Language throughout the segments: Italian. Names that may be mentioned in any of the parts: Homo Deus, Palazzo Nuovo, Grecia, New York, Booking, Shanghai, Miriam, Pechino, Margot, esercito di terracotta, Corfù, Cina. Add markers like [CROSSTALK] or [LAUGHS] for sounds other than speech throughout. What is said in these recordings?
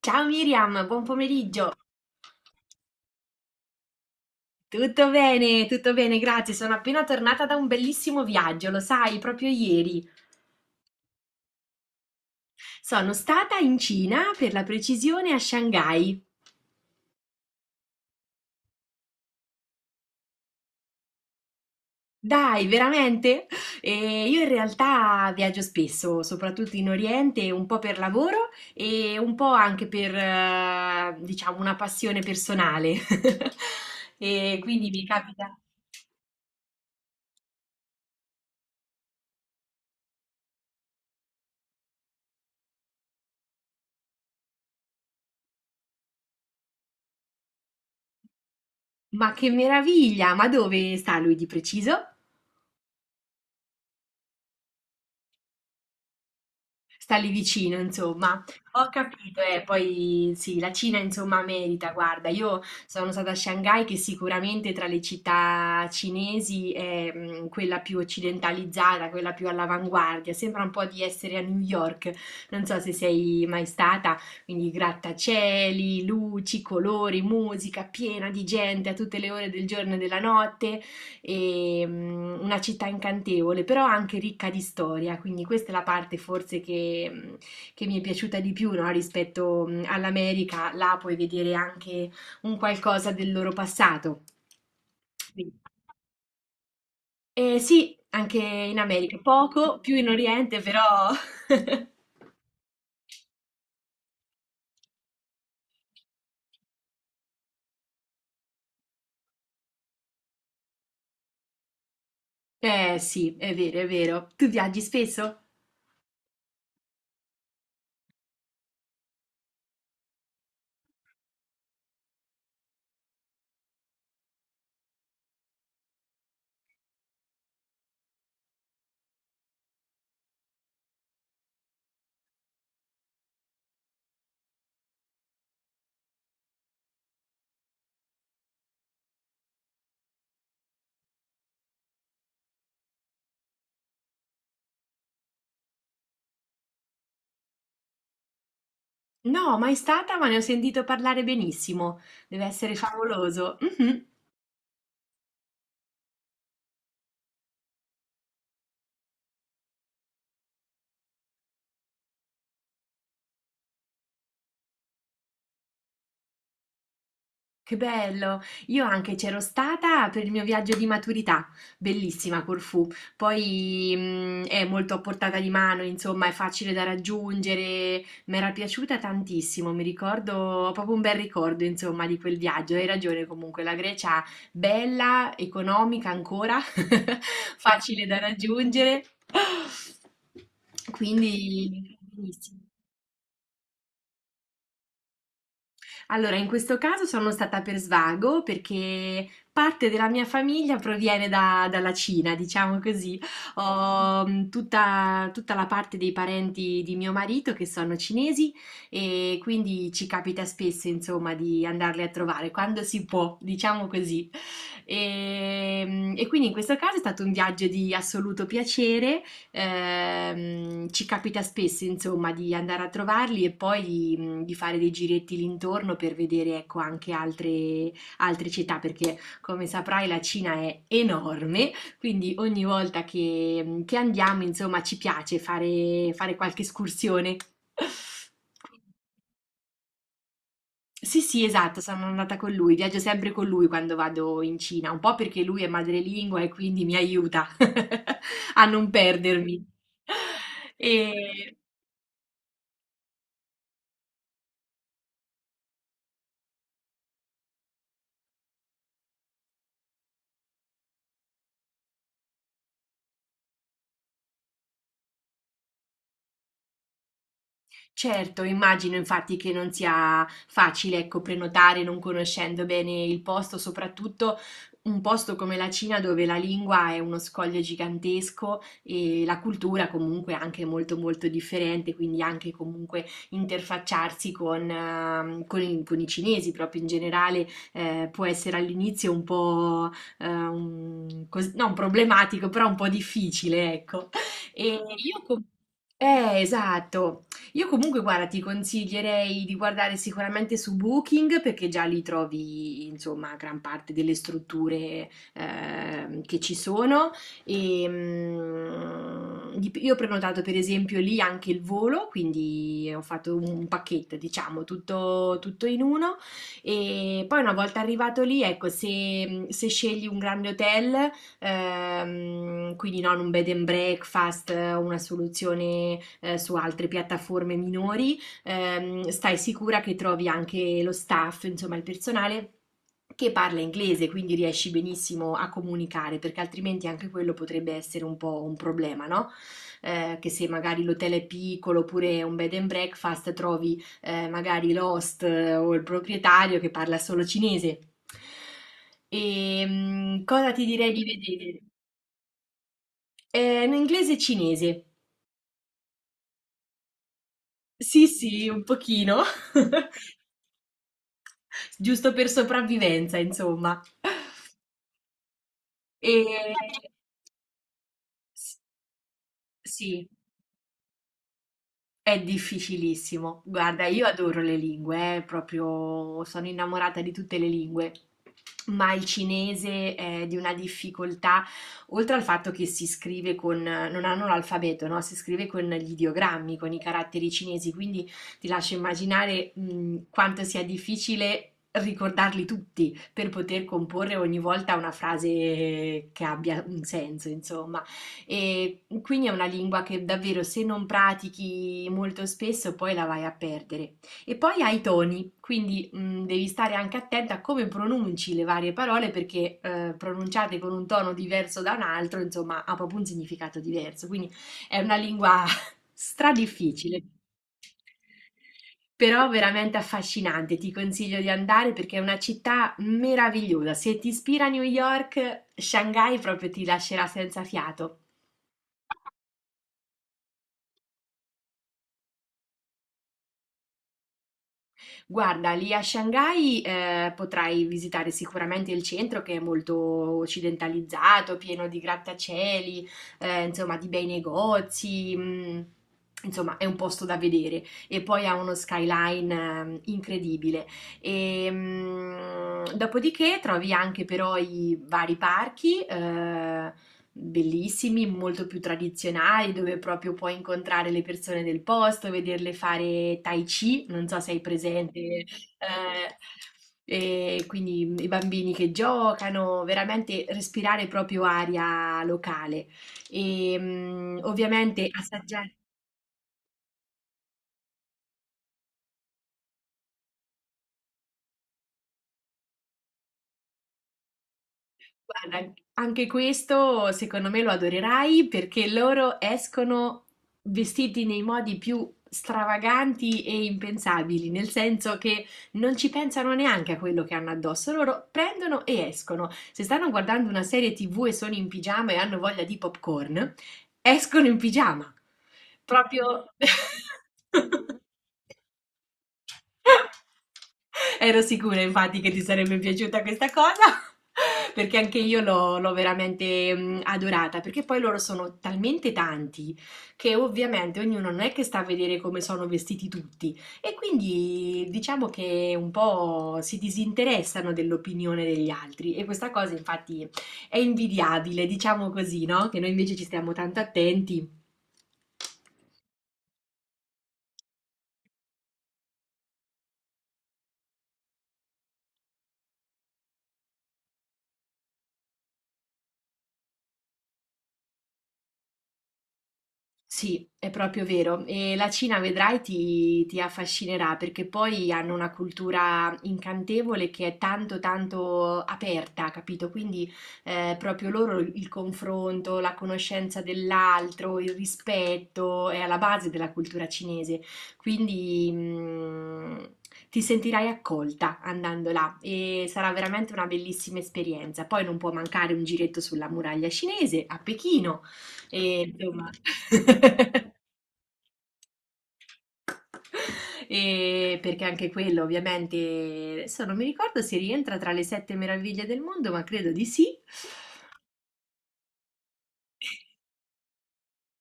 Ciao Miriam, buon pomeriggio. Tutto bene, grazie. Sono appena tornata da un bellissimo viaggio, lo sai, proprio ieri. Sono stata in Cina, per la precisione, a Shanghai. Dai, veramente? E io in realtà viaggio spesso, soprattutto in Oriente, un po' per lavoro e un po' anche per, diciamo, una passione personale. [LAUGHS] E quindi mi capita. Ma che meraviglia! Ma dove sta lui di preciso? Sta lì vicino, insomma. Ho capito, e poi sì, la Cina insomma merita, guarda, io sono stata a Shanghai che sicuramente tra le città cinesi è quella più occidentalizzata, quella più all'avanguardia, sembra un po' di essere a New York, non so se sei mai stata, quindi grattacieli, luci, colori, musica piena di gente a tutte le ore del giorno e della notte, e una città incantevole, però anche ricca di storia, quindi questa è la parte forse che mi è piaciuta di più, no, rispetto all'America, là puoi vedere anche un qualcosa del loro passato. Quindi- sì, anche in America, poco, più in Oriente, però. [LAUGHS] Eh sì, è vero, è vero. Tu viaggi spesso? No, mai stata, ma ne ho sentito parlare benissimo. Deve essere favoloso. Mhm. Che bello! Io anche c'ero stata per il mio viaggio di maturità, bellissima Corfù. Poi è molto a portata di mano, insomma, è facile da raggiungere. Mi era piaciuta tantissimo, mi ricordo, ho proprio un bel ricordo, insomma, di quel viaggio. Hai ragione comunque, la Grecia bella, economica ancora, [LAUGHS] facile da raggiungere. Quindi, benissimo. Allora, in questo caso sono stata per svago perché parte della mia famiglia proviene dalla Cina, diciamo così. Ho tutta la parte dei parenti di mio marito che sono cinesi e quindi ci capita spesso, insomma, di andarli a trovare quando si può, diciamo così. E quindi in questo caso è stato un viaggio di assoluto piacere. Ci capita spesso, insomma, di andare a trovarli e poi di fare dei giretti l'intorno per vedere, ecco, anche altre città, perché come saprai la Cina è enorme, quindi ogni volta che andiamo, insomma, ci piace fare qualche escursione. [LAUGHS] Sì, sì, esatto, sono andata con lui, viaggio sempre con lui quando vado in Cina, un po' perché lui è madrelingua e quindi mi aiuta [LAUGHS] a non perdermi. E Certo, immagino infatti che non sia facile, ecco, prenotare non conoscendo bene il posto, soprattutto un posto come la Cina dove la lingua è uno scoglio gigantesco e la cultura comunque anche molto molto differente, quindi anche comunque interfacciarsi con i cinesi proprio in generale, può essere all'inizio un po' non problematico, però un po' difficile, ecco. E io com- esatto. Io comunque, guarda, ti consiglierei di guardare sicuramente su Booking perché già lì trovi, insomma, gran parte delle strutture che ci sono. Io ho prenotato per esempio lì anche il volo, quindi ho fatto un pacchetto, diciamo, tutto in uno. E poi una volta arrivato lì, ecco, se scegli un grande hotel, quindi non un bed and breakfast o una soluzione su altre piattaforme minori, stai sicura che trovi anche lo staff, insomma il personale che parla inglese, quindi riesci benissimo a comunicare, perché altrimenti anche quello potrebbe essere un po' un problema, no? Che se magari l'hotel è piccolo oppure è un bed and breakfast trovi magari l'host o il proprietario che parla solo cinese. E cosa ti direi di vedere? In inglese e cinese. Sì, sì, un pochino. [LAUGHS] Giusto per sopravvivenza, insomma. E s Sì. È difficilissimo. Guarda, io adoro le lingue, proprio sono innamorata di tutte le lingue. Ma il cinese è di una difficoltà, oltre al fatto che si scrive con, non hanno l'alfabeto, no? Si scrive con gli ideogrammi, con i caratteri cinesi, quindi ti lascio immaginare, quanto sia difficile ricordarli tutti per poter comporre ogni volta una frase che abbia un senso, insomma. E quindi è una lingua che davvero se non pratichi molto spesso poi la vai a perdere. E poi hai i toni, quindi devi stare anche attenta a come pronunci le varie parole perché pronunciate con un tono diverso da un altro, insomma, ha proprio un significato diverso. Quindi è una lingua [LAUGHS] stradifficile. Però veramente affascinante, ti consiglio di andare perché è una città meravigliosa. Se ti ispira New York, Shanghai proprio ti lascerà senza fiato. Guarda, lì a Shanghai, potrai visitare sicuramente il centro che è molto occidentalizzato, pieno di grattacieli, insomma, di bei negozi. Insomma, è un posto da vedere e poi ha uno skyline incredibile. E, dopodiché trovi anche però i vari parchi, bellissimi, molto più tradizionali, dove proprio puoi incontrare le persone del posto, vederle fare tai chi, non so se hai presente, e quindi i bambini che giocano, veramente respirare proprio aria locale. E ovviamente assaggiare. Guarda, anche questo secondo me lo adorerai perché loro escono vestiti nei modi più stravaganti e impensabili, nel senso che non ci pensano neanche a quello che hanno addosso, loro prendono e escono. Se stanno guardando una serie TV e sono in pigiama e hanno voglia di popcorn, escono in pigiama. Proprio. [LAUGHS] Ero sicura infatti che ti sarebbe piaciuta questa cosa, [LAUGHS] perché anche io l'ho veramente, adorata, perché poi loro sono talmente tanti che ovviamente ognuno non è che sta a vedere come sono vestiti tutti e quindi diciamo che un po' si disinteressano dell'opinione degli altri e questa cosa infatti è invidiabile, diciamo così, no, che noi invece ci stiamo tanto attenti. Sì, è proprio vero. E la Cina, vedrai, ti affascinerà perché poi hanno una cultura incantevole che è tanto, tanto aperta, capito? Quindi proprio loro il confronto, la conoscenza dell'altro, il rispetto è alla base della cultura cinese. Quindi ti sentirai accolta andando là e sarà veramente una bellissima esperienza. Poi non può mancare un giretto sulla muraglia cinese a Pechino e insomma. [LAUGHS] [LAUGHS] E perché anche quello, ovviamente, adesso non mi ricordo se rientra tra le sette meraviglie del mondo, ma credo di sì.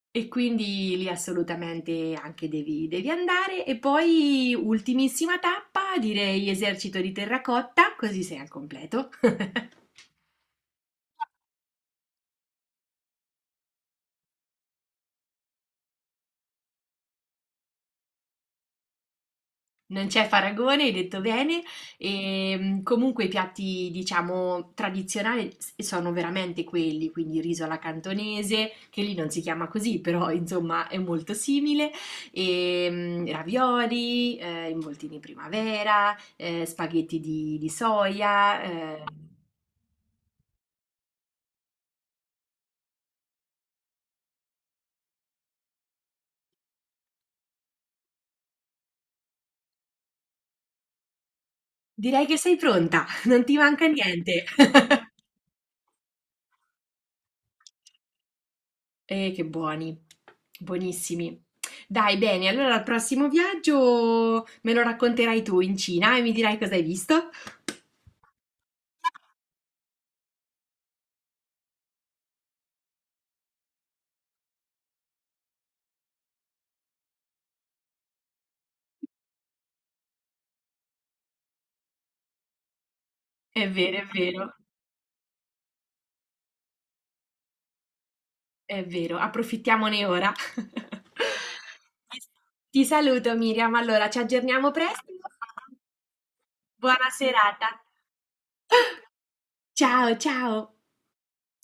E quindi lì assolutamente anche devi andare. E poi, ultimissima tappa, direi esercito di terracotta, così sei al completo. [LAUGHS] Non c'è paragone, hai detto bene. E, comunque i piatti, diciamo, tradizionali sono veramente quelli, quindi il riso alla cantonese, che lì non si chiama così, però insomma è molto simile, e, ravioli, involtini primavera, spaghetti di soia. Direi che sei pronta, [LAUGHS] non ti manca niente. [LAUGHS] Che buoni, buonissimi. Dai, bene, allora al prossimo viaggio me lo racconterai tu in Cina e mi dirai cosa hai visto. È vero, è vero, è vero, approfittiamone ora. [LAUGHS] Ti ti saluto, Miriam. Allora, ci aggiorniamo presto. Buona serata. Ciao, ciao.